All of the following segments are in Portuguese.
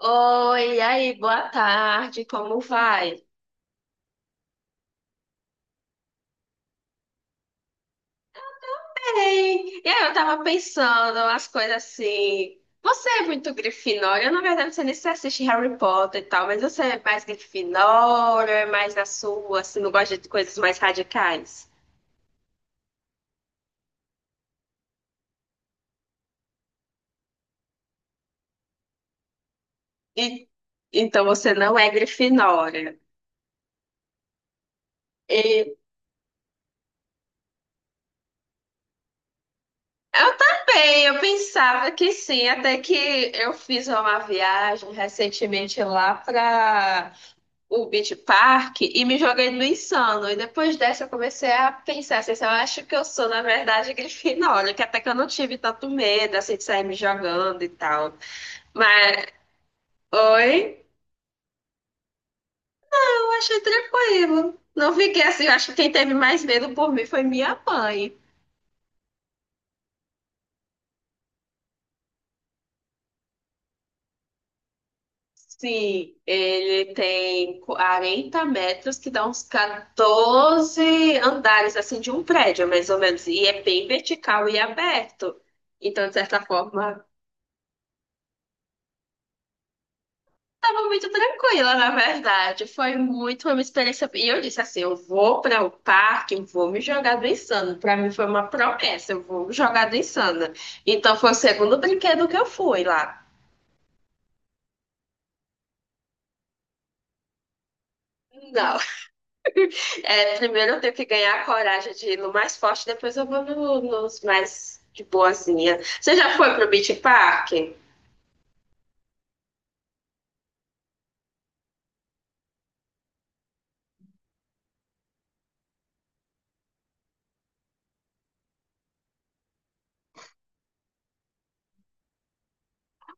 Oi, e aí, boa tarde, como vai? Ei, e aí, eu tava pensando umas coisas assim. Você é muito Grifinória, eu na verdade você nem se assiste Harry Potter e tal, mas você é mais Grifinória, é mais na sua, assim, não gosta de coisas mais radicais. E, então você não é Grifinória. E eu também, eu pensava que sim, até que eu fiz uma viagem recentemente lá para o Beach Park e me joguei no Insano. E depois dessa eu comecei a pensar assim, eu acho que eu sou, na verdade, Grifinória, que até que eu não tive tanto medo assim de sair me jogando e tal. Mas, oi, eu achei tranquilo. Não fiquei assim, eu acho que quem teve mais medo por mim foi minha mãe. Sim, ele tem 40 metros, que dá uns 14 andares assim de um prédio, mais ou menos. E é bem vertical e aberto. Então, de certa forma, tava muito tranquila, na verdade. Foi muito uma experiência. E eu disse assim: eu vou para o parque, eu vou me jogar do insano. Para mim foi uma promessa, eu vou me jogar do insano. Então foi o segundo brinquedo que eu fui lá. Não, é, primeiro eu tenho que ganhar a coragem de ir no mais forte, depois eu vou nos mais de boazinha. Você já foi pro Beach Park?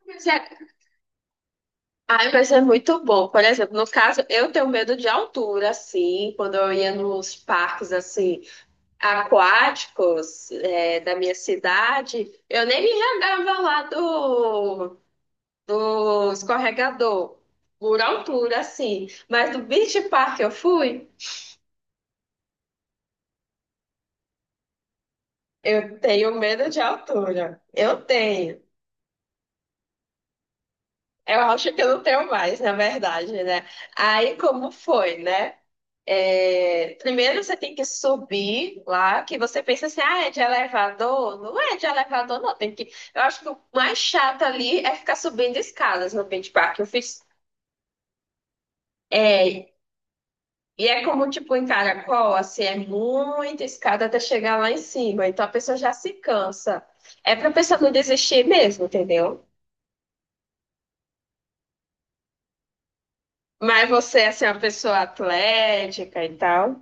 Mas é- Ai, mas é muito bom. Por exemplo, no caso, eu tenho medo de altura, assim, quando eu ia nos parques, assim, aquáticos é, da minha cidade, eu nem me jogava lá do, do escorregador, por altura, assim. Mas do beach park que eu fui, eu tenho medo de altura. Eu tenho. Eu acho que eu não tenho mais, na verdade, né? Aí como foi, né? É, primeiro você tem que subir lá, que você pensa assim, ah, é de elevador? Não é de elevador, não. Tem que... Eu acho que o mais chato ali é ficar subindo escadas no Beach Park. Eu fiz. É, e é como tipo em Caracol, assim, é muita escada até chegar lá em cima. Então a pessoa já se cansa. É pra pessoa não desistir mesmo, entendeu? Mas você, assim, é uma pessoa atlética e tal.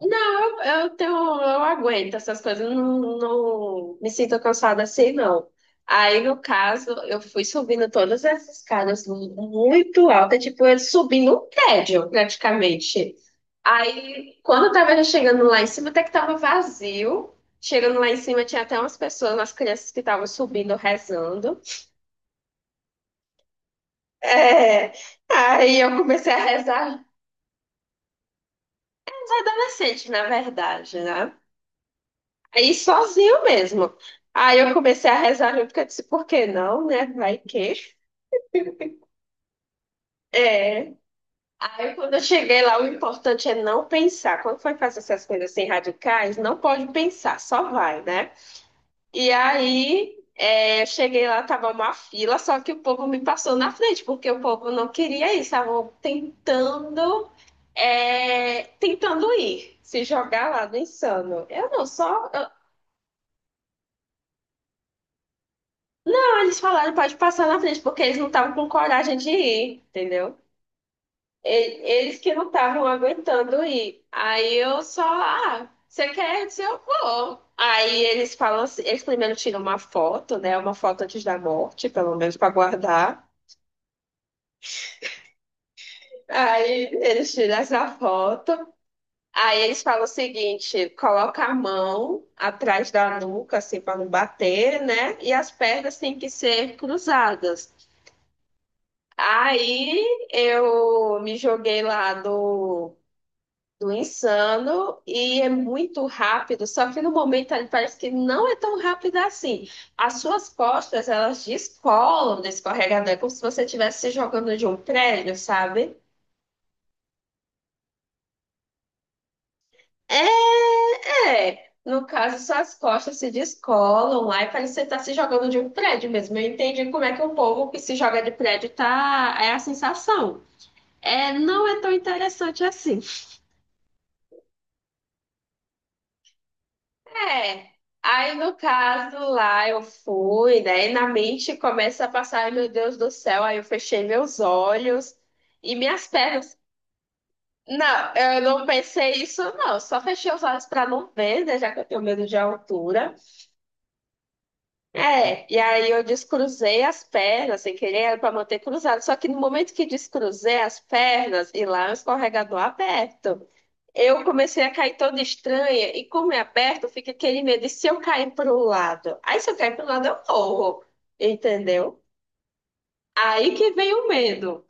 Não, eu tenho, eu aguento essas coisas, eu não, não me sinto cansada assim, não. Aí, no caso, eu fui subindo todas essas escadas muito alta, tipo, eu subindo um prédio, praticamente. Aí, quando eu tava já chegando lá em cima, até que tava vazio. Chegando lá em cima, tinha até umas pessoas, umas crianças que estavam subindo, rezando. É, aí eu comecei a rezar, adolescente, na verdade, né? Aí sozinho mesmo. Aí eu comecei a rezar junto, porque eu disse, por que não, né? Vai que. É. Aí quando eu cheguei lá, o importante é não pensar. Quando for fazer essas coisas assim radicais, não pode pensar, só vai, né? E aí é, eu cheguei lá, tava uma fila, só que o povo me passou na frente, porque o povo não queria ir, estavam tentando, é, tentando ir, se jogar lá no insano. Eu não, só. Eles falaram, pode passar na frente, porque eles não estavam com coragem de ir, entendeu? E- Eles que não estavam aguentando ir. Aí eu só, ah, você quer? Eu disse, eu vou. Aí eles falam assim, eles primeiro tiram uma foto, né? Uma foto antes da morte, pelo menos para guardar. Aí eles tiram essa foto. Aí eles falam o seguinte: coloca a mão atrás da nuca, assim, para não bater, né? E as pernas têm que ser cruzadas. Aí eu me joguei lá do Insano e é muito rápido, só que no momento ali parece que não é tão rápido assim. As suas costas, elas descolam do escorregador, é como se você estivesse se jogando de um prédio, sabe? É, no caso, suas costas se descolam lá e parece que você tá se jogando de um prédio mesmo. Eu entendi como é que o povo que se joga de prédio tá, é a sensação. É, não é tão interessante assim. É. Aí, no caso, lá eu fui, né? E na mente começa a passar, "Ai, meu Deus do céu. Aí eu fechei meus olhos e minhas pernas. Não, eu não pensei isso, não. Eu só fechei os olhos para não ver, né? Já que eu tenho medo de altura. É, e aí eu descruzei as pernas sem querer, era para manter cruzado. Só que no momento que descruzei as pernas, e lá é um escorregador aberto. Eu comecei a cair toda estranha e como é aberto, fica aquele medo de se eu cair para um lado. Aí se eu cair para um lado, eu morro, entendeu? Aí que vem o medo.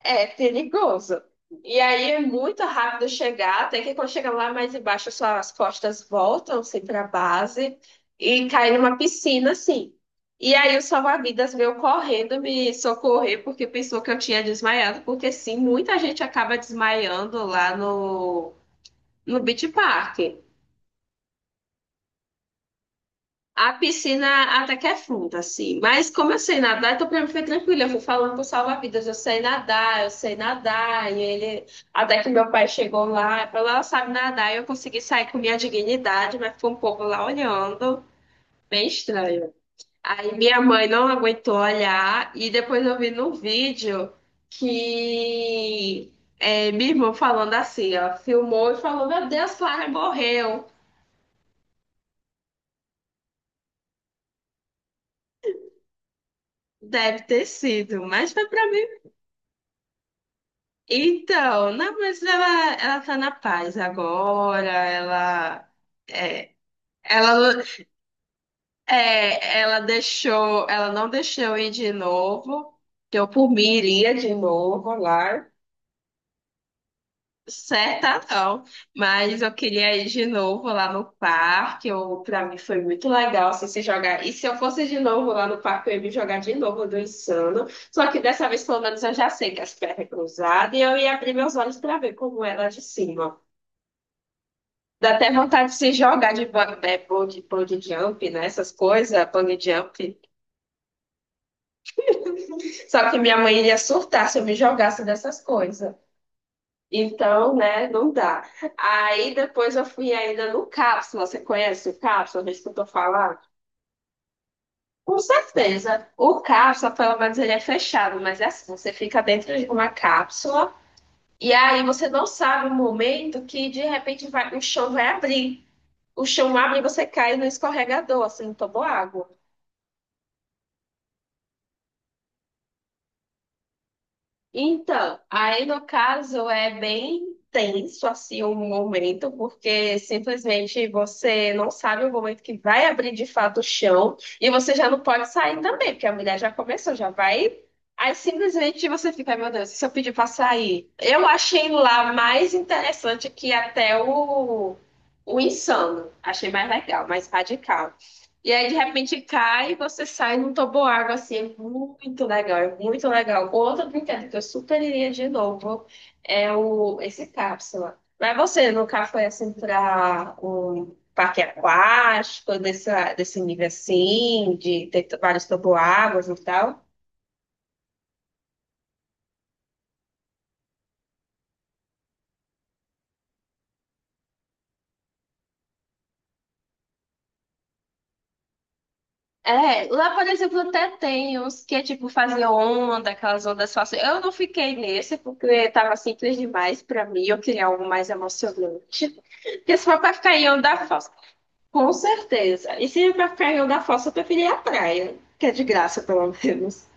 É perigoso. E aí é muito rápido chegar, até que quando chega lá mais embaixo, suas costas voltam assim para a base e cai numa piscina assim. E aí o salva-vidas veio correndo me socorrer porque pensou que eu tinha desmaiado, porque sim, muita gente acaba desmaiando lá no Beach Park. A piscina até que é funda, assim. Mas como eu sei nadar, então pra mim foi tranquilo. Eu fui falando pro salva-vidas, eu sei nadar, eu sei nadar. E ele, até que meu pai chegou lá, falou, ela sabe nadar. E eu consegui sair com minha dignidade, mas ficou um povo lá olhando. Bem estranho. Aí minha mãe não aguentou olhar. E depois eu vi no vídeo que é, minha irmã falando assim, ó. Filmou e falou, meu Deus, Clara morreu. Deve ter sido, mas foi pra então, não, mas ela tá na paz agora, ela, é, ela, é, ela deixou, ela não deixou eu ir de novo, que eu por mim iria de novo lá, certa não, mas eu queria ir de novo lá no parque, eu, pra mim foi muito legal assim, se jogar, e se eu fosse de novo lá no parque, eu ia me jogar de novo do Insano, só que dessa vez pelo menos eu já sei que as pernas cruzadas, e eu ia abrir meus olhos pra ver como era de cima. Dá até vontade de se jogar de bungee, bungee jump, né? Essas coisas, bungee jump. Só que minha mãe ia surtar se eu me jogasse dessas coisas. Então, né, não dá. Aí depois eu fui ainda no Cápsula. Você conhece o Cápsula? Já escutou falar? Com certeza. O Cápsula, pelo menos, ele é fechado, mas é assim, você fica dentro de uma cápsula e aí você não sabe o momento que de repente vai, o chão vai abrir. O chão abre e você cai no escorregador, assim, no toboágua. Então, aí no caso é bem tenso assim o momento, porque simplesmente você não sabe o momento que vai abrir de fato o chão e você já não pode sair também, porque a mulher já começou, já vai. Aí simplesmente você fica, meu Deus, e se eu pedir para sair? Eu achei lá mais interessante que até o insano. Achei mais legal, mais radical. E aí, de repente, cai e você sai num toboágua, assim, é muito legal, é muito legal. Outro brinquedo que eu super iria de novo é o, esse cápsula. Mas você nunca foi, assim, para um parque aquático, desse, desse nível, assim, de ter vários toboáguas e tal? É, lá, por exemplo, até tem uns que, tipo, faziam onda, aquelas ondas falsas. Eu não fiquei nesse porque tava simples demais pra mim, eu queria algo mais emocionante. Porque se for pra ficar em onda falsa, com certeza. E se for pra ficar em onda falsa, eu preferia a praia, que é de graça, pelo menos.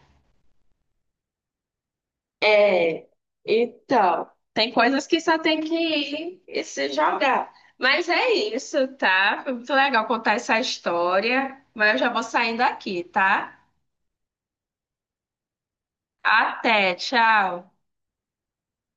É, então, tem coisas que só tem que ir e se jogar. Mas é isso, tá? Foi muito legal contar essa história, mas eu já vou saindo aqui, tá? Até, tchau!